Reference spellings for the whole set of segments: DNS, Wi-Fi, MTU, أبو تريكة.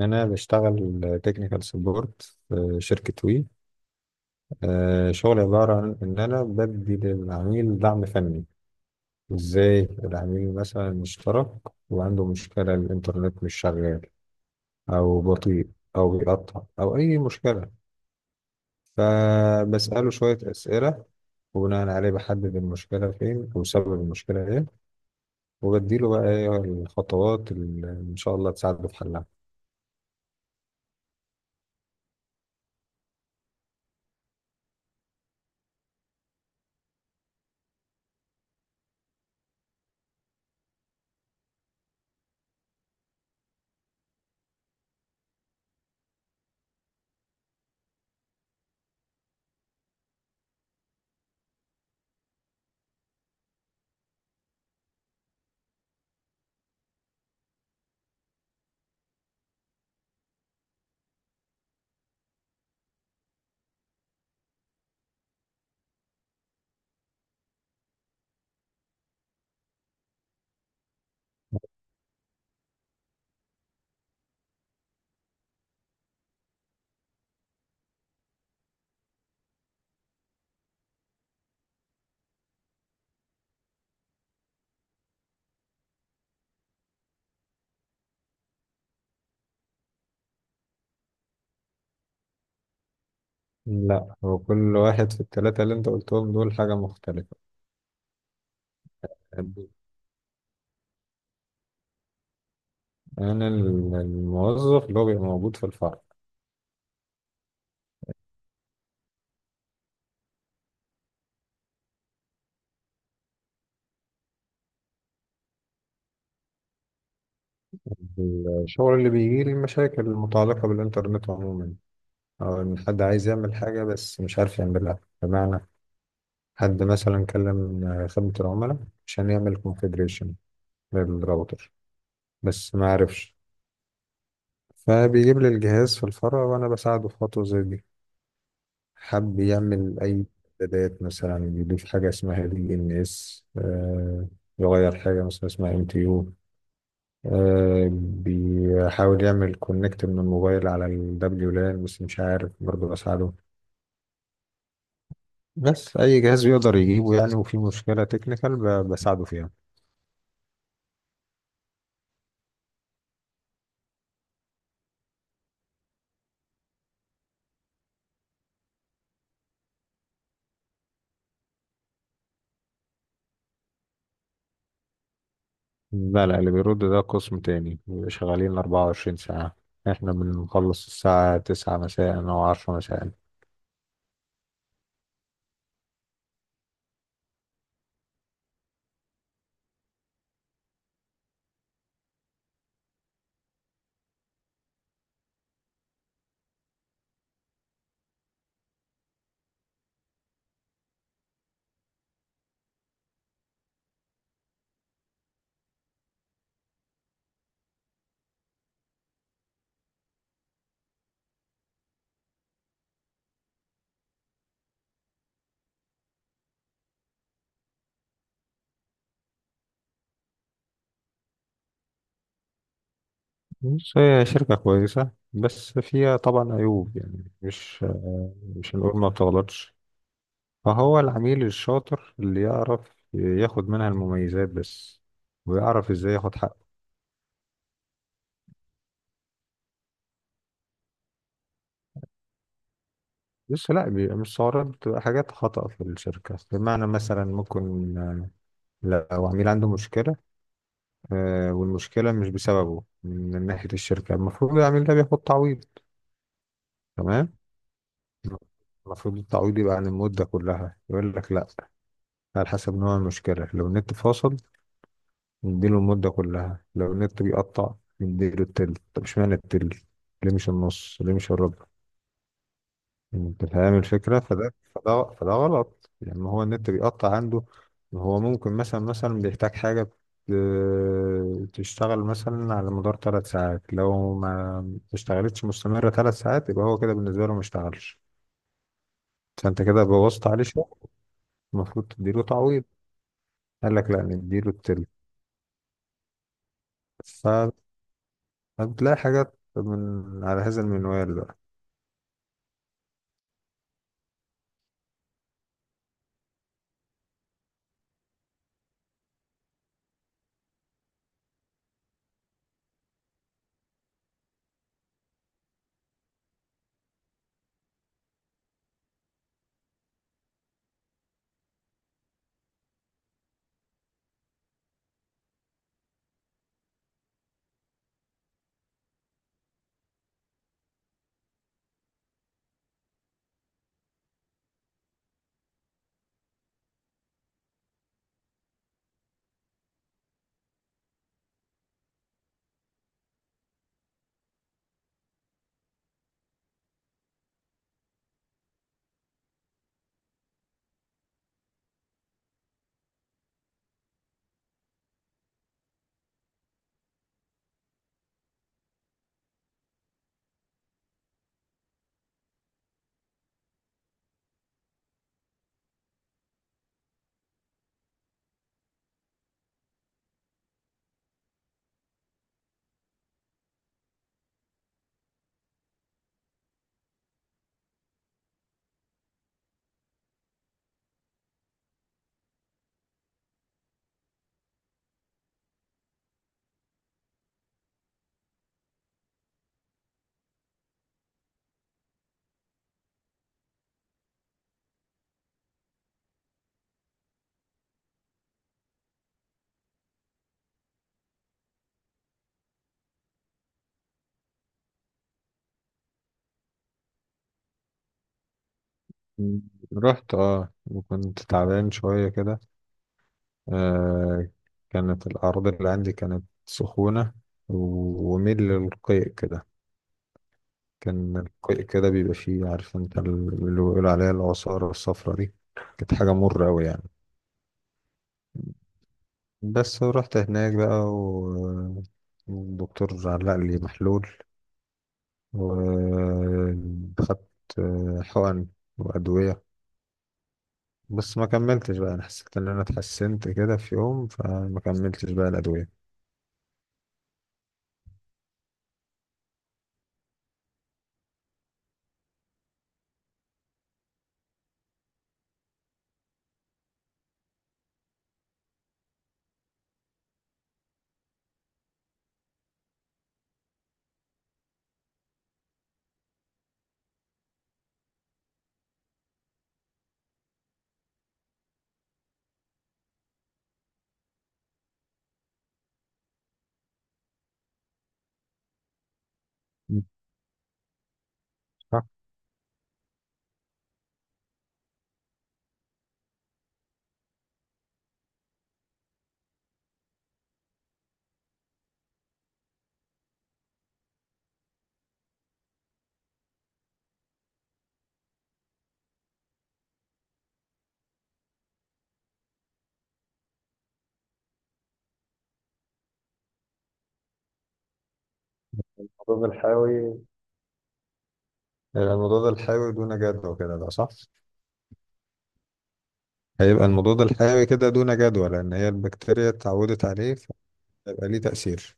أنا بشتغل تكنيكال سبورت في شركة وي. شغلي عبارة عن إن أنا بدي للعميل دعم فني. إزاي العميل مثلا مشترك وعنده مشكلة الإنترنت مش شغال، أو بطيء، أو بيقطع، أو أي مشكلة، فبسأله شوية أسئلة وبناء عليه بحدد المشكلة فين أو سبب المشكلة إيه، وبديله بقى إيه الخطوات اللي إن شاء الله تساعده في حلها. لا، هو كل واحد في التلاتة اللي أنت قلتهم دول حاجة مختلفة. أنا الموظف اللي هو بيبقى موجود في الفرع. الشغل اللي بيجي لي المشاكل المتعلقة بالإنترنت عموما، أو إن حد عايز يعمل حاجة بس مش عارف يعملها. بمعنى حد مثلا كلم خدمة العملاء عشان يعمل كونفيجريشن للراوتر بس ما عرفش، فبيجيب لي الجهاز في الفرع وأنا بساعده في خطوة زي دي. حب يعمل أي إعدادات، مثلا يضيف حاجة اسمها دي إن إس، يغير حاجة مثلا اسمها ام تي يو، بيحاول يعمل كونكت من الموبايل على الدبليو لان بس مش عارف، برضه بساعده. بس اي جهاز بيقدر يجيبه يعني وفي مشكلة تكنيكال بساعده فيها. لا، اللي بيرد ده قسم تاني، بيبقى شغالين 24 ساعة. احنا بنخلص الساعة 9 مساء او 10 مساء. بس هي شركة كويسة بس فيها طبعا عيوب، يعني مش هنقول ما بتغلطش، فهو العميل الشاطر اللي يعرف ياخد منها المميزات بس، ويعرف ازاي ياخد حقه. لسه، لا، بيبقى مش سعرات، بتبقى حاجات خطأ في الشركة. بمعنى مثلا ممكن، لو عميل عنده مشكلة، والمشكلة مش بسببه من ناحية الشركة، المفروض العميل ده بياخد تعويض. تمام، المفروض التعويض يبقى عن المدة كلها. يقول لك لا، على حسب نوع المشكلة، لو النت فاصل نديله المدة كلها، لو النت بيقطع نديله التلت. طب اشمعنى التلت؟ ليه مش النص؟ ليه مش الربع؟ انت فاهم الفكرة، فده غلط. لما هو النت بيقطع عنده، هو ممكن مثلا بيحتاج حاجة تشتغل مثلا على مدار ثلاث ساعات، لو ما اشتغلتش مستمرة ثلاث ساعات يبقى هو كده بالنسبة له ما اشتغلش، فانت كده بوظت عليه شغل. المفروض تديله تعويض. قال لك لا، نديله التلت. فبتلاقي حاجات من على هذا المنوال بقى. م. رحت، اه، وكنت تعبان شوية كده. آه كانت الأعراض اللي عندي كانت سخونة وميل للقيء كده. كان القيء كده بيبقى فيه، عارف انت اللي بيقولوا عليها العصارة الصفرة دي، كانت حاجة مرة أوي يعني. بس رحت هناك بقى والدكتور علق لي محلول، وخدت حقن وأدوية، بس ما كملتش بقى. أنا حسيت إن أنا اتحسنت كده في يوم فما كملتش بقى الأدوية. صح. الحبوب الحيوي، هيبقى المضاد الحيوي دون جدوى كده، ده صح؟ هيبقى المضاد الحيوي كده دون جدوى لأن هي البكتيريا اتعودت عليه، فهيبقى ليه تأثير.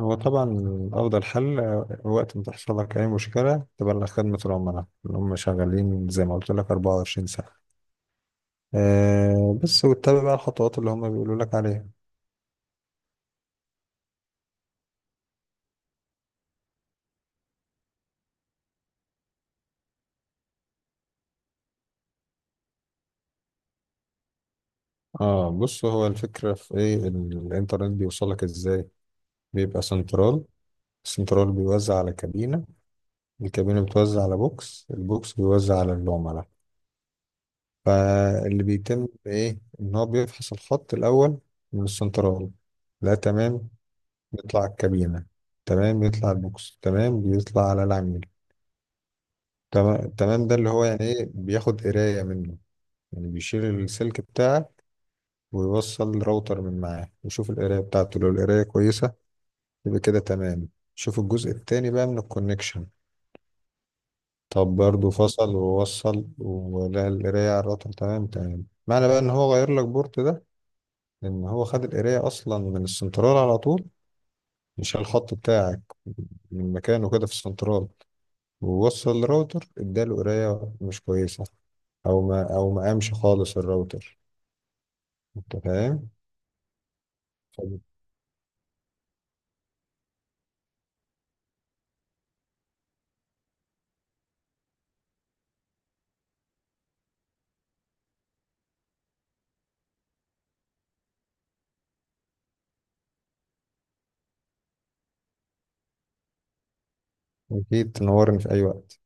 هو طبعا أفضل حل، وقت ما تحصل لك أي مشكلة تبلغ خدمة العملاء، إن هم شغالين زي ما قلت لك 24 ساعة. بس واتبع بقى الخطوات اللي هم بيقولوا لك عليها. اه بص، هو الفكرة في ايه. الانترنت بيوصلك ازاي؟ بيبقى سنترال، السنترال بيوزع على كابينة، الكابينة بتوزع على بوكس، البوكس بيوزع على العملاء. فاللي بيتم ايه، ان هو بيفحص الخط الاول من السنترال. لا، تمام، بيطلع الكابينة، تمام، بيطلع البوكس، تمام، بيطلع على العميل، تمام تمام. ده اللي هو يعني ايه، بياخد قراية منه، يعني بيشيل السلك بتاعه ويوصل راوتر من معاه يشوف القراية بتاعته. لو القراية كويسة يبقى كده تمام، شوف الجزء التاني بقى من الكونكشن. طب برضه فصل ووصل ولقى القراية على الراوتر تمام تمام، معنى بقى ان هو غير لك بورت ده، لأن هو خد القراية أصلا من السنترال على طول، مش على الخط بتاعك. من مكانه كده في السنترال ووصل الراوتر، اداله قراية مش كويسة، أو ما أو ما قامش خالص الراوتر. أنت فاهم؟ فأكيد تنورني في أي وقت.